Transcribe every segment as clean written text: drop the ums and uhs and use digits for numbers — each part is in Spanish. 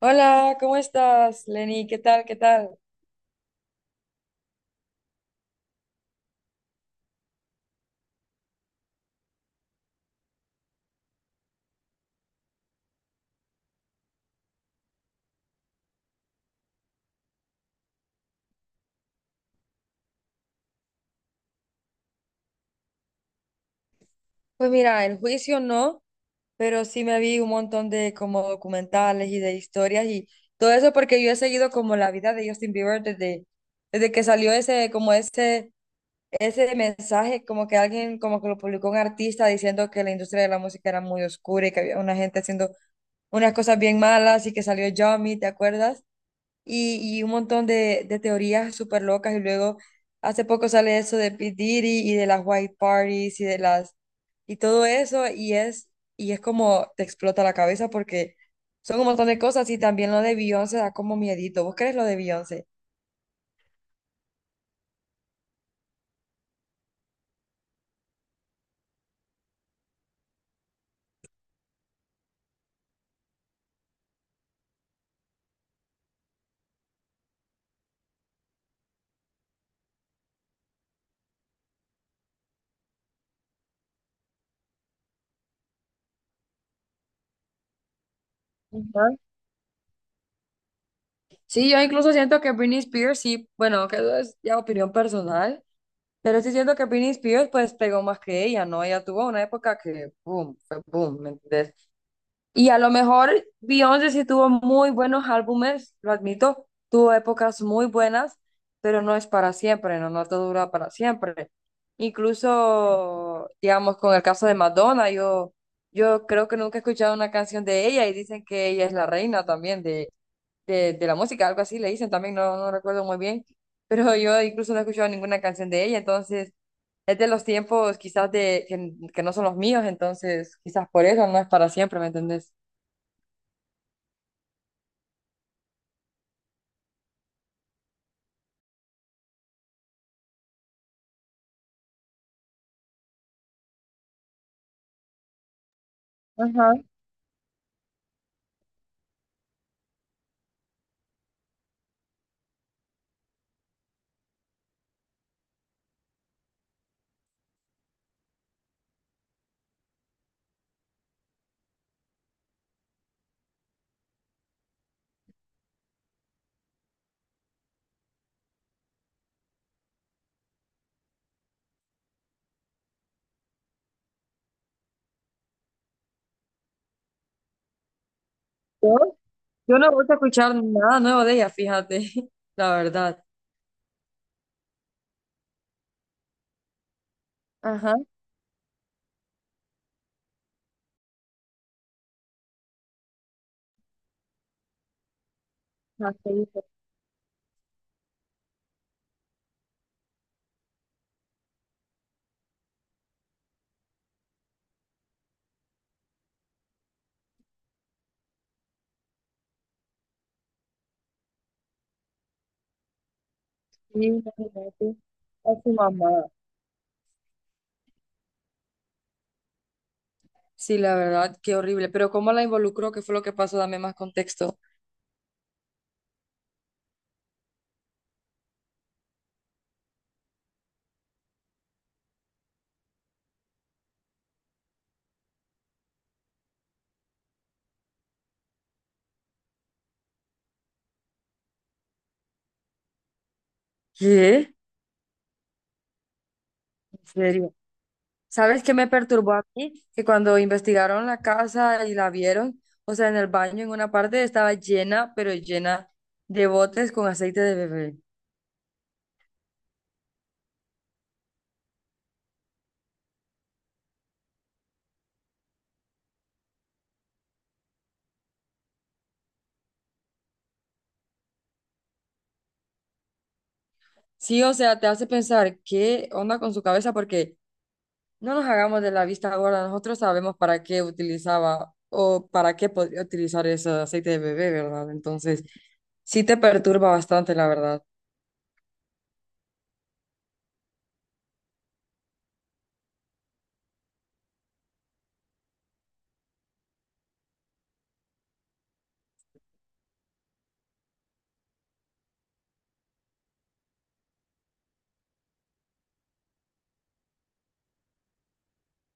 Hola, ¿cómo estás, Lenny? ¿Qué tal? ¿Qué tal? Pues mira, el juicio no, pero sí me vi un montón de como documentales y de historias y todo eso porque yo he seguido como la vida de Justin Bieber desde que salió ese mensaje, como que alguien como que lo publicó un artista diciendo que la industria de la música era muy oscura y que había una gente haciendo unas cosas bien malas y que salió Yummy, ¿te acuerdas? Y un montón de teorías súper locas. Y luego hace poco sale eso de P. Diddy y de las white parties y de las y todo eso. Y es como te explota la cabeza porque son un montón de cosas. Y también lo de Beyoncé da como miedito. ¿Vos crees lo de Beyoncé? Ujú. Sí, yo incluso siento que Britney Spears, sí, bueno, que eso es ya opinión personal, pero sí siento que Britney Spears pues pegó más que ella, ¿no? Ella tuvo una época que, boom, fue boom, ¿me entendés? Y a lo mejor Beyoncé sí tuvo muy buenos álbumes, lo admito, tuvo épocas muy buenas, pero no es para siempre, no, no todo dura para siempre. Incluso, digamos, con el caso de Madonna, yo creo que nunca he escuchado una canción de ella y dicen que ella es la reina también de la música, algo así le dicen también, no, no recuerdo muy bien, pero yo incluso no he escuchado ninguna canción de ella, entonces es de los tiempos quizás que no son los míos, entonces quizás por eso no es para siempre, ¿me entendés? Ajá. Yo, yo no voy a escuchar nada nuevo de ella, fíjate, la verdad. Ajá. La que dice, sí, imagínate, a su mamá. Sí, la verdad, qué horrible. Pero ¿cómo la involucró? ¿Qué fue lo que pasó? Dame más contexto. ¿Qué? ¿En serio? ¿Sabes qué me perturbó a mí? Que cuando investigaron la casa y la vieron, o sea, en el baño, en una parte estaba llena, pero llena de botes con aceite de bebé. Sí, o sea, te hace pensar qué onda con su cabeza, porque no nos hagamos de la vista gorda, nosotros sabemos para qué utilizaba o para qué podría utilizar ese aceite de bebé, ¿verdad? Entonces, sí te perturba bastante, la verdad.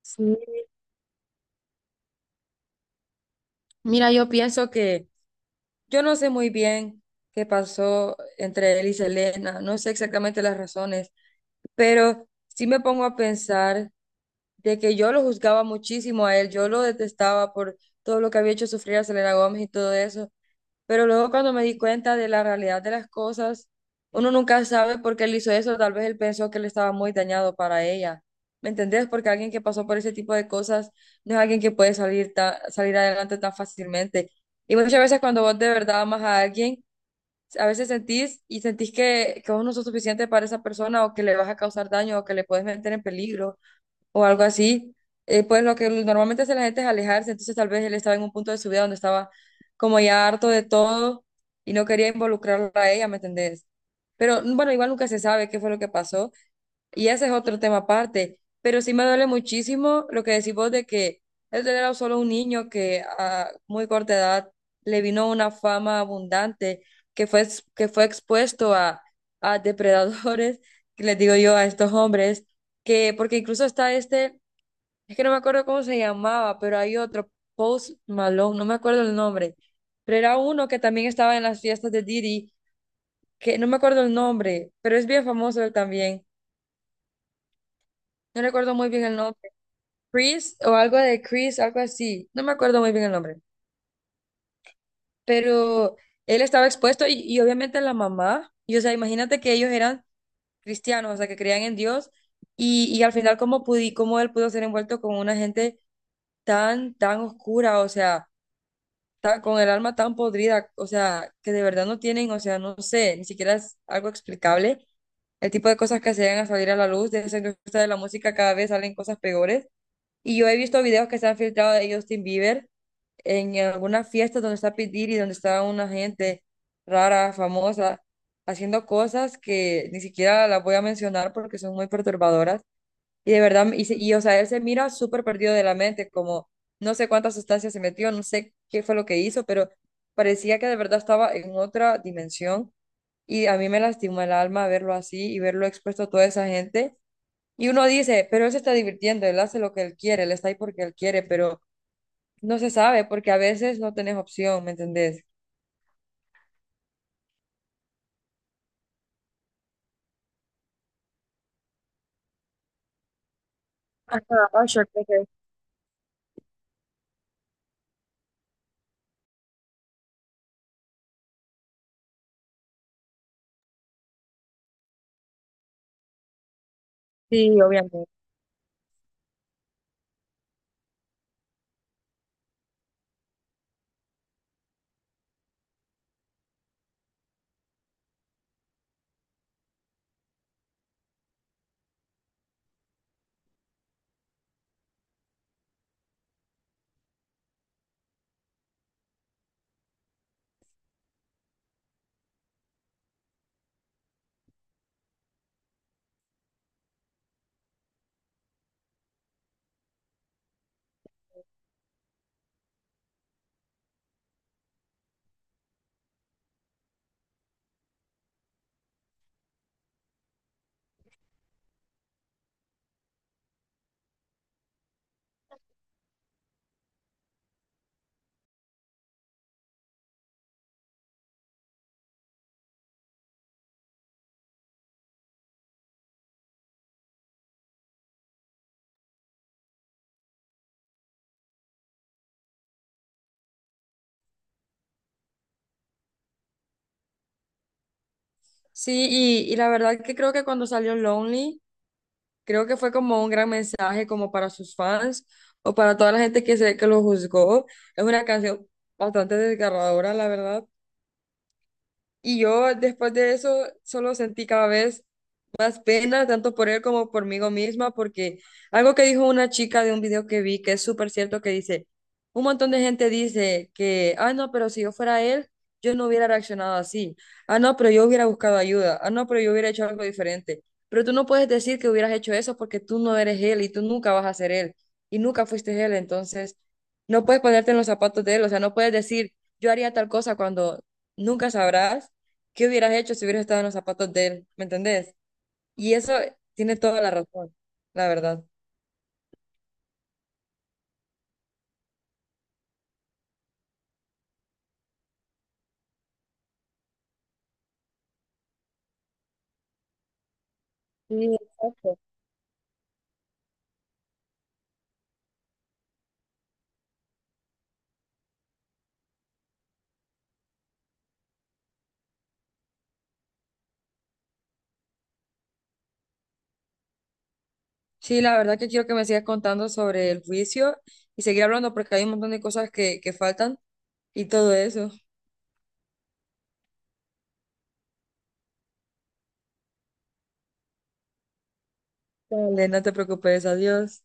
Sí. Mira, yo pienso que yo no sé muy bien qué pasó entre él y Selena, no sé exactamente las razones, pero sí me pongo a pensar de que yo lo juzgaba muchísimo a él, yo lo detestaba por todo lo que había hecho sufrir a Selena Gómez y todo eso. Pero luego cuando me di cuenta de la realidad de las cosas, uno nunca sabe por qué él hizo eso, tal vez él pensó que él estaba muy dañado para ella. ¿Me entendés? Porque alguien que pasó por ese tipo de cosas no es alguien que puede salir adelante tan fácilmente. Y muchas veces cuando vos de verdad amas a alguien, a veces sentís y sentís que vos no sos suficiente para esa persona o que le vas a causar daño o que le puedes meter en peligro o algo así, pues lo que normalmente hace la gente es alejarse, entonces tal vez él estaba en un punto de su vida donde estaba como ya harto de todo y no quería involucrarla a ella, ¿me entendés? Pero bueno, igual nunca se sabe qué fue lo que pasó y ese es otro tema aparte, pero sí me duele muchísimo lo que decís vos de que él era solo un niño que a muy corta edad le vino una fama abundante, que fue expuesto a depredadores, que les digo yo, a estos hombres que porque incluso está este es que no me acuerdo cómo se llamaba, pero hay otro, Post Malone, no me acuerdo el nombre. Pero era uno que también estaba en las fiestas de Diddy, que no me acuerdo el nombre, pero es bien famoso él también. No recuerdo muy bien el nombre. Chris o algo de Chris, algo así. No me acuerdo muy bien el nombre. Pero él estaba expuesto y obviamente la mamá. Y o sea, imagínate que ellos eran cristianos, o sea, que creían en Dios. Y al final, ¿ cómo él pudo ser envuelto con una gente tan oscura? O sea ta- con el alma tan podrida, o sea, que de verdad no tienen, o sea, no sé, ni siquiera es algo explicable. El tipo de cosas que se llegan a salir a la luz de esa industria de la música, cada vez salen cosas peores. Y yo he visto videos que se han filtrado de Justin Bieber en algunas fiestas donde está P. Diddy, donde está una gente rara, famosa, haciendo cosas que ni siquiera las voy a mencionar porque son muy perturbadoras y de verdad, o sea, él se mira súper perdido de la mente, como no sé cuántas sustancias se metió, no sé qué fue lo que hizo, pero parecía que de verdad estaba en otra dimensión. Y a mí me lastimó el alma verlo así y verlo expuesto a toda esa gente. Y uno dice, pero él se está divirtiendo, él hace lo que él quiere, él está ahí porque él quiere, pero no se sabe porque a veces no tenés opción, ¿me entendés? Ah, yo creo sí, obviamente. Sí, y la verdad que creo que cuando salió Lonely. Creo que fue como un gran mensaje como para sus fans o para toda la gente que se que lo juzgó. Es una canción bastante desgarradora, la verdad. Y yo después de eso solo sentí cada vez más pena tanto por él como por mí misma, porque algo que dijo una chica de un video que vi, que es súper cierto, que dice, un montón de gente dice que, ah, no, pero si yo fuera él, yo no hubiera reaccionado así, ah, no, pero yo hubiera buscado ayuda, ah, no, pero yo hubiera hecho algo diferente, pero tú no puedes decir que hubieras hecho eso porque tú no eres él y tú nunca vas a ser él y nunca fuiste él, entonces no puedes ponerte en los zapatos de él, o sea, no puedes decir, yo haría tal cosa cuando nunca sabrás. ¿Qué hubieras hecho si hubieras estado en los zapatos de él? ¿Me entendés? Y eso tiene toda la razón, la verdad. Sí, exacto. Sí, la verdad que quiero que me sigas contando sobre el juicio y seguir hablando porque hay un montón de cosas que faltan y todo eso. Dale, no te preocupes, adiós.